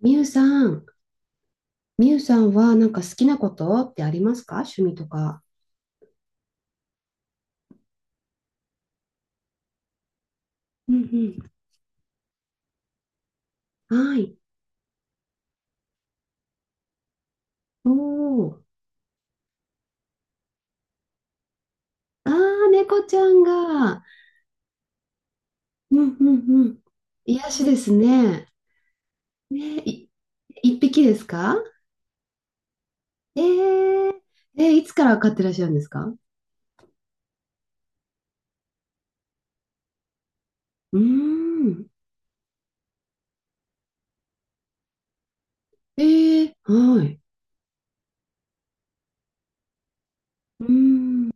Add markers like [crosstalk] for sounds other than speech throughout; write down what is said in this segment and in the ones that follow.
みゆさん、みゆさんはなんか好きなことってありますか？趣味とか。うんうん。はい。おー。あー、猫ちゃんが。うんうんうん。癒しですね。ね、一匹ですか？えー、いつから飼ってらっしゃるんですか？うーん。はい。うーん。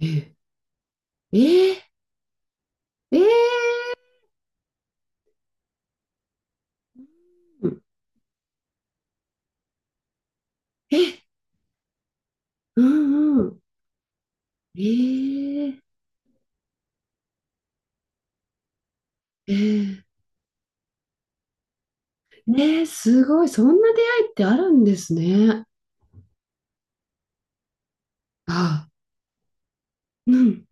えー、えー、えー、うんえ、うんうん。えー、えーねえ、すごい。そんな出会いってあるんですね。あ、うん。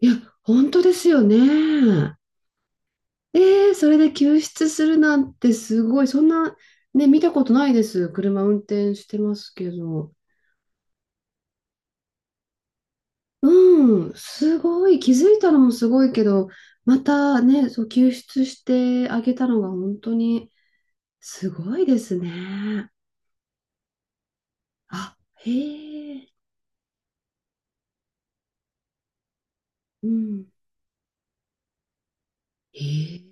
いや、本当ですよね。ええ、それで救出するなんてすごい。そんな、ね、見たことないです。車運転してますけど。うん、すごい。気づいたのもすごいけど、またね、そう、救出してあげたのが本当にすごいですね。あ、へえ、うん。へえ。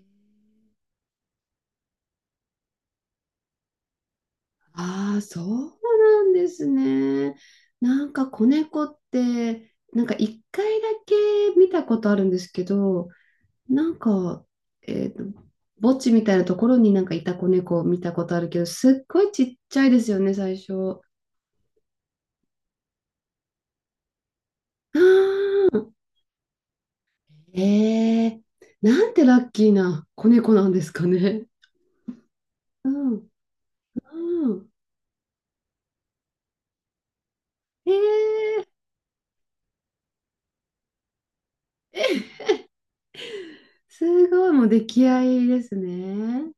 ああ、そうなんですね。なんか子猫って、なんか一回だけ見たことあるんですけど、なんか、えっと、墓地みたいなところになんかいた子猫を見たことあるけど、すっごいちっちゃいですよね、最初。ああ、ええ、なんてラッキーな子猫なんですかね。うん、うん。ええ、すごい、もう出来合いですね。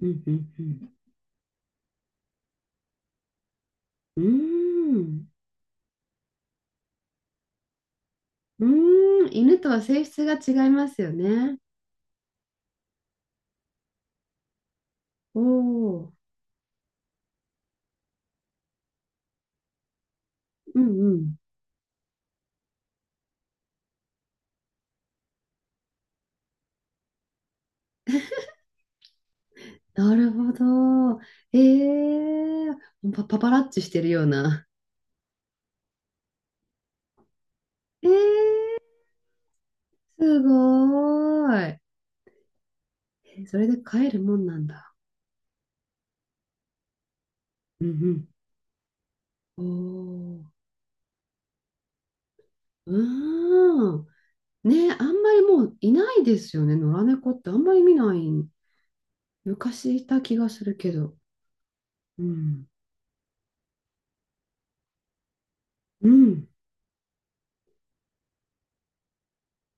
うん、うん、うん。うーん。うーん、犬とは性質が違いますよね。おお、うんうん。なるほど。ええー、パパラッチしてるような。ええー、すごーい。それで飼えるもんなんだ。うんうん。おお、うーん。ね、あんまりもういないですよね。野良猫ってあんまり見ない。昔いた気がするけど。うん。うん。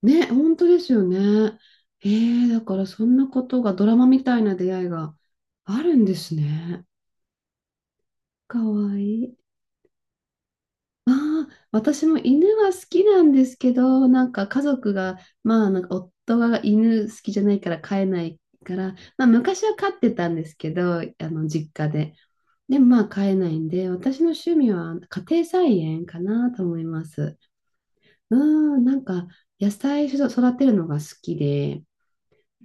ね、本当ですよね。だからそんなことがドラマみたいな出会いがあるんですね。かわいい。ああ、私も犬は好きなんですけど、なんか家族が、まあなんか夫が犬好きじゃないから飼えないから、まあ昔は飼ってたんですけど、あの実家で。でもまあ飼えないんで、私の趣味は家庭菜園かなと思います。うん、なんか野菜育てるのが好きで。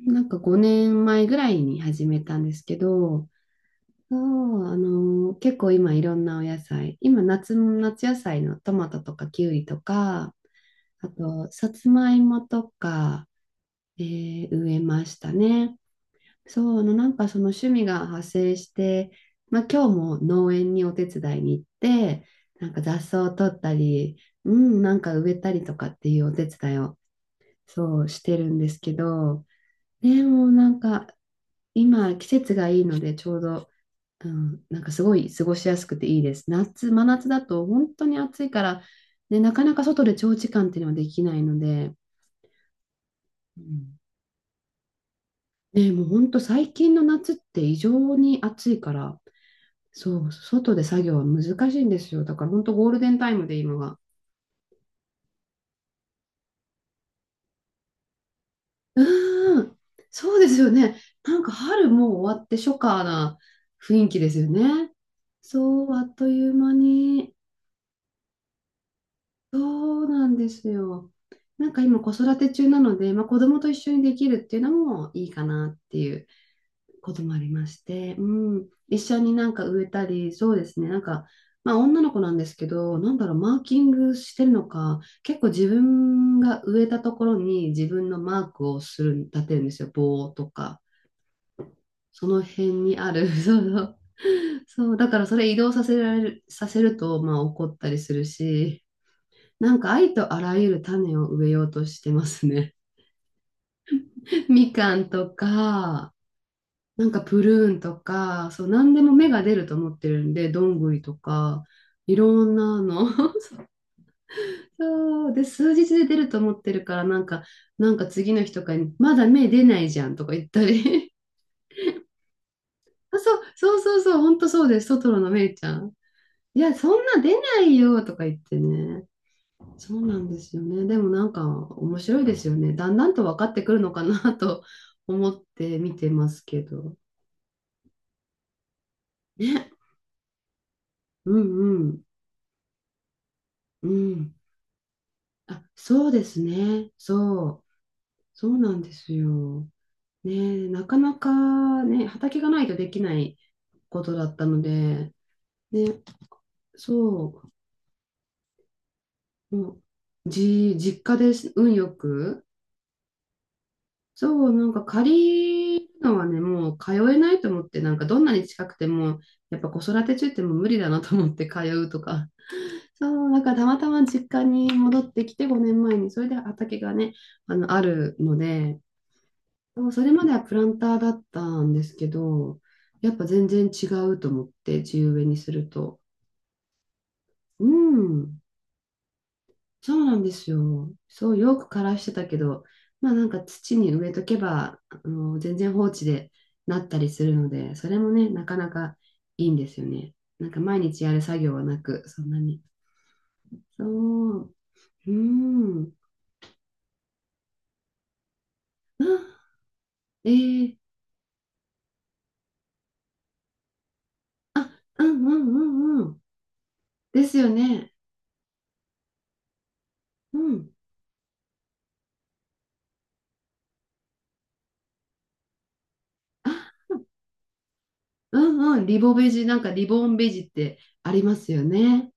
なんか5年前ぐらいに始めたんですけど、そう、結構今いろんなお野菜、今夏、夏野菜のトマトとかキウイとか、あとさつまいもとか、植えましたね。そう、なんかその趣味が派生して、まあ、今日も農園にお手伝いに行って、なんか雑草を取ったり、うん、なんか植えたりとかっていうお手伝いをそうしてるんですけど、でもなんか今、季節がいいので、ちょうど、うん、なんかすごい過ごしやすくていいです。真夏だと本当に暑いから、ね、なかなか外で長時間っていうのはできないので、うん、ね、もう本当最近の夏って異常に暑いから、そう、外で作業は難しいんですよ。だから本当ゴールデンタイムで今が。うーん、そうですよね。なんか春もう終わって初夏な雰囲気ですよね。そう、あっという間に。そうなんですよ。なんか今子育て中なので、まあ、子供と一緒にできるっていうのもいいかなっていうこともありまして、うん、一緒になんか植えたり、そうですね、なんか、まあ、女の子なんですけど、なんだろう、マーキングしてるのか、結構自分が植えたところに自分のマークをする、立てるんですよ、棒とか、その辺にある、[laughs] そうそう、そう、だからそれ移動させられる、させると、まあ怒ったりするし、なんかありとあらゆる種を植えようとしてますね。[laughs] みかんとか、なんかプルーンとか、そう、何でも芽が出ると思ってるんで、どんぐりとか、いろんなの。[laughs] そうで、数日で出ると思ってるから、なんか、次の日とかに、まだ芽出ないじゃんとか言ったり。[laughs] あ、そう、そうそうそう、ほんとそうです。トトロの芽ちゃん。いや、そんな出ないよとか言ってね。そうなんですよね。でもなんか面白いですよね。だんだんと分かってくるのかなと [laughs] 思って見てますけど。ね。うんうん。うん。あ、そうですね。そう。そうなんですよ。ね、なかなかね、畑がないとできないことだったので、ね、そう。もう、実家です、運よく。そう、なんか借りるのはね、もう通えないと思って、なんかどんなに近くても、やっぱ子育て中ってもう無理だなと思って通うとか。[laughs] そう、だからたまたま実家に戻ってきて5年前に、それで畑がね、あるので、そうそれまではプランターだったんですけど、やっぱ全然違うと思って、地植えにすると。うん。そうなんですよ。そう、よく枯らしてたけど、まあなんか土に植えとけば、全然放置でなったりするので、それもね、なかなかいいんですよね。なんか毎日やる作業はなく、そんなに。そう、うーん。あ、えー、あ、うんうんうんうん。ですよね。うん。あ、うんうん。リボベジ、なんかリボンベジってありますよね。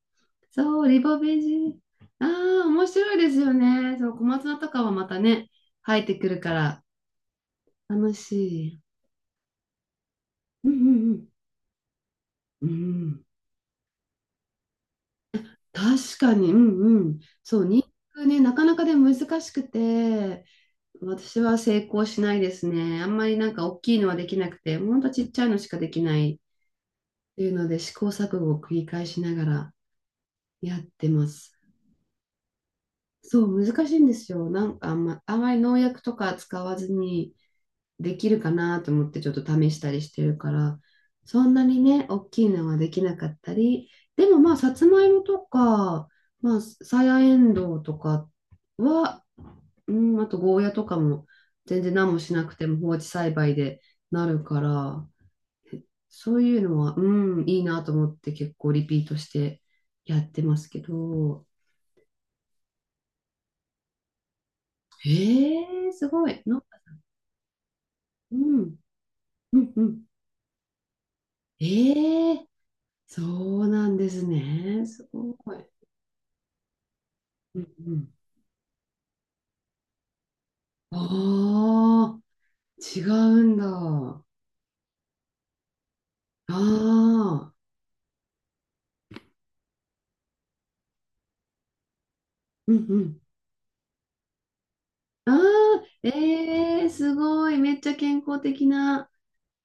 そう、リボベジ。ああ、面白いですよね。そう、小松菜とかはまたね、生えてくるから、楽しい。うんうんうん。うん、確かに、うんうん。そう、ニンニクね、なかなかで難しくて、私は成功しないですね。あんまりなんか大きいのはできなくて、ほんとちっちゃいのしかできないっていうので、試行錯誤を繰り返しながらやってます。そう、難しいんですよ。なんかあまり農薬とか使わずに、できるかなと思ってちょっと試したりしてるから、そんなにね、大きいのはできなかったり、でもまあ、さつまいもとか、まあ、さやえんどうとかは、うん、あとゴーヤとかも全然何もしなくても放置栽培でなるから、そういうのは、うん、いいなと思って結構リピートしてやってますけど、すごい。の、うん、うん、うん。えー、そうなんですね。すごい。うんうん。ああ、違うんだ。ああ、うんうん。ああ、ええ、すごい。めっちゃ健康的な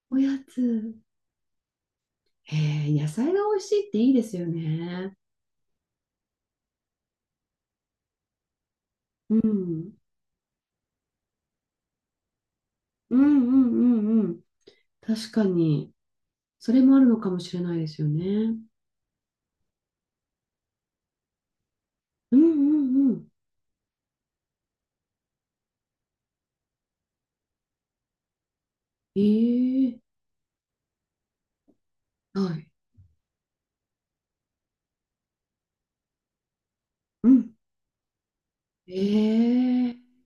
おやつ。へえ、野菜が美味しいっていいですよね。うん。うんうんうんうん。確かに。それもあるのかもしれないですよね。うんうんうん。ええ、はい。うん。ええ、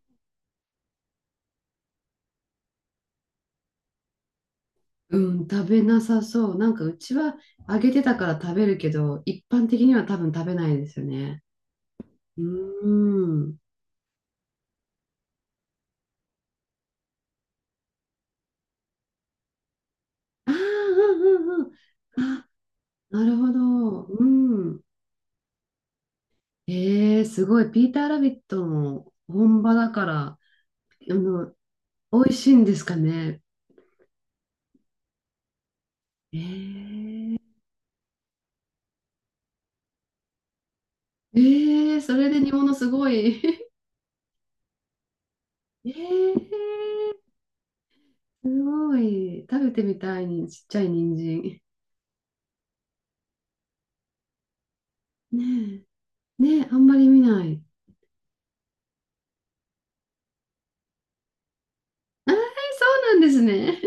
うん、食べなさそう。なんかうちは揚げてたから食べるけど、一般的には多分食べないですよね。うーん。ああ、うんうんうん。あ、なるほど。うん。えーすごい。ピーターラビットの本場だから、あの、美味しいんですかね。えー、えそれで煮物すごい。[laughs] えーすごい。食べてみたいに、ちっちゃい人参。ねえ、ねえ、あんまり見ない。あー、そうなんですね。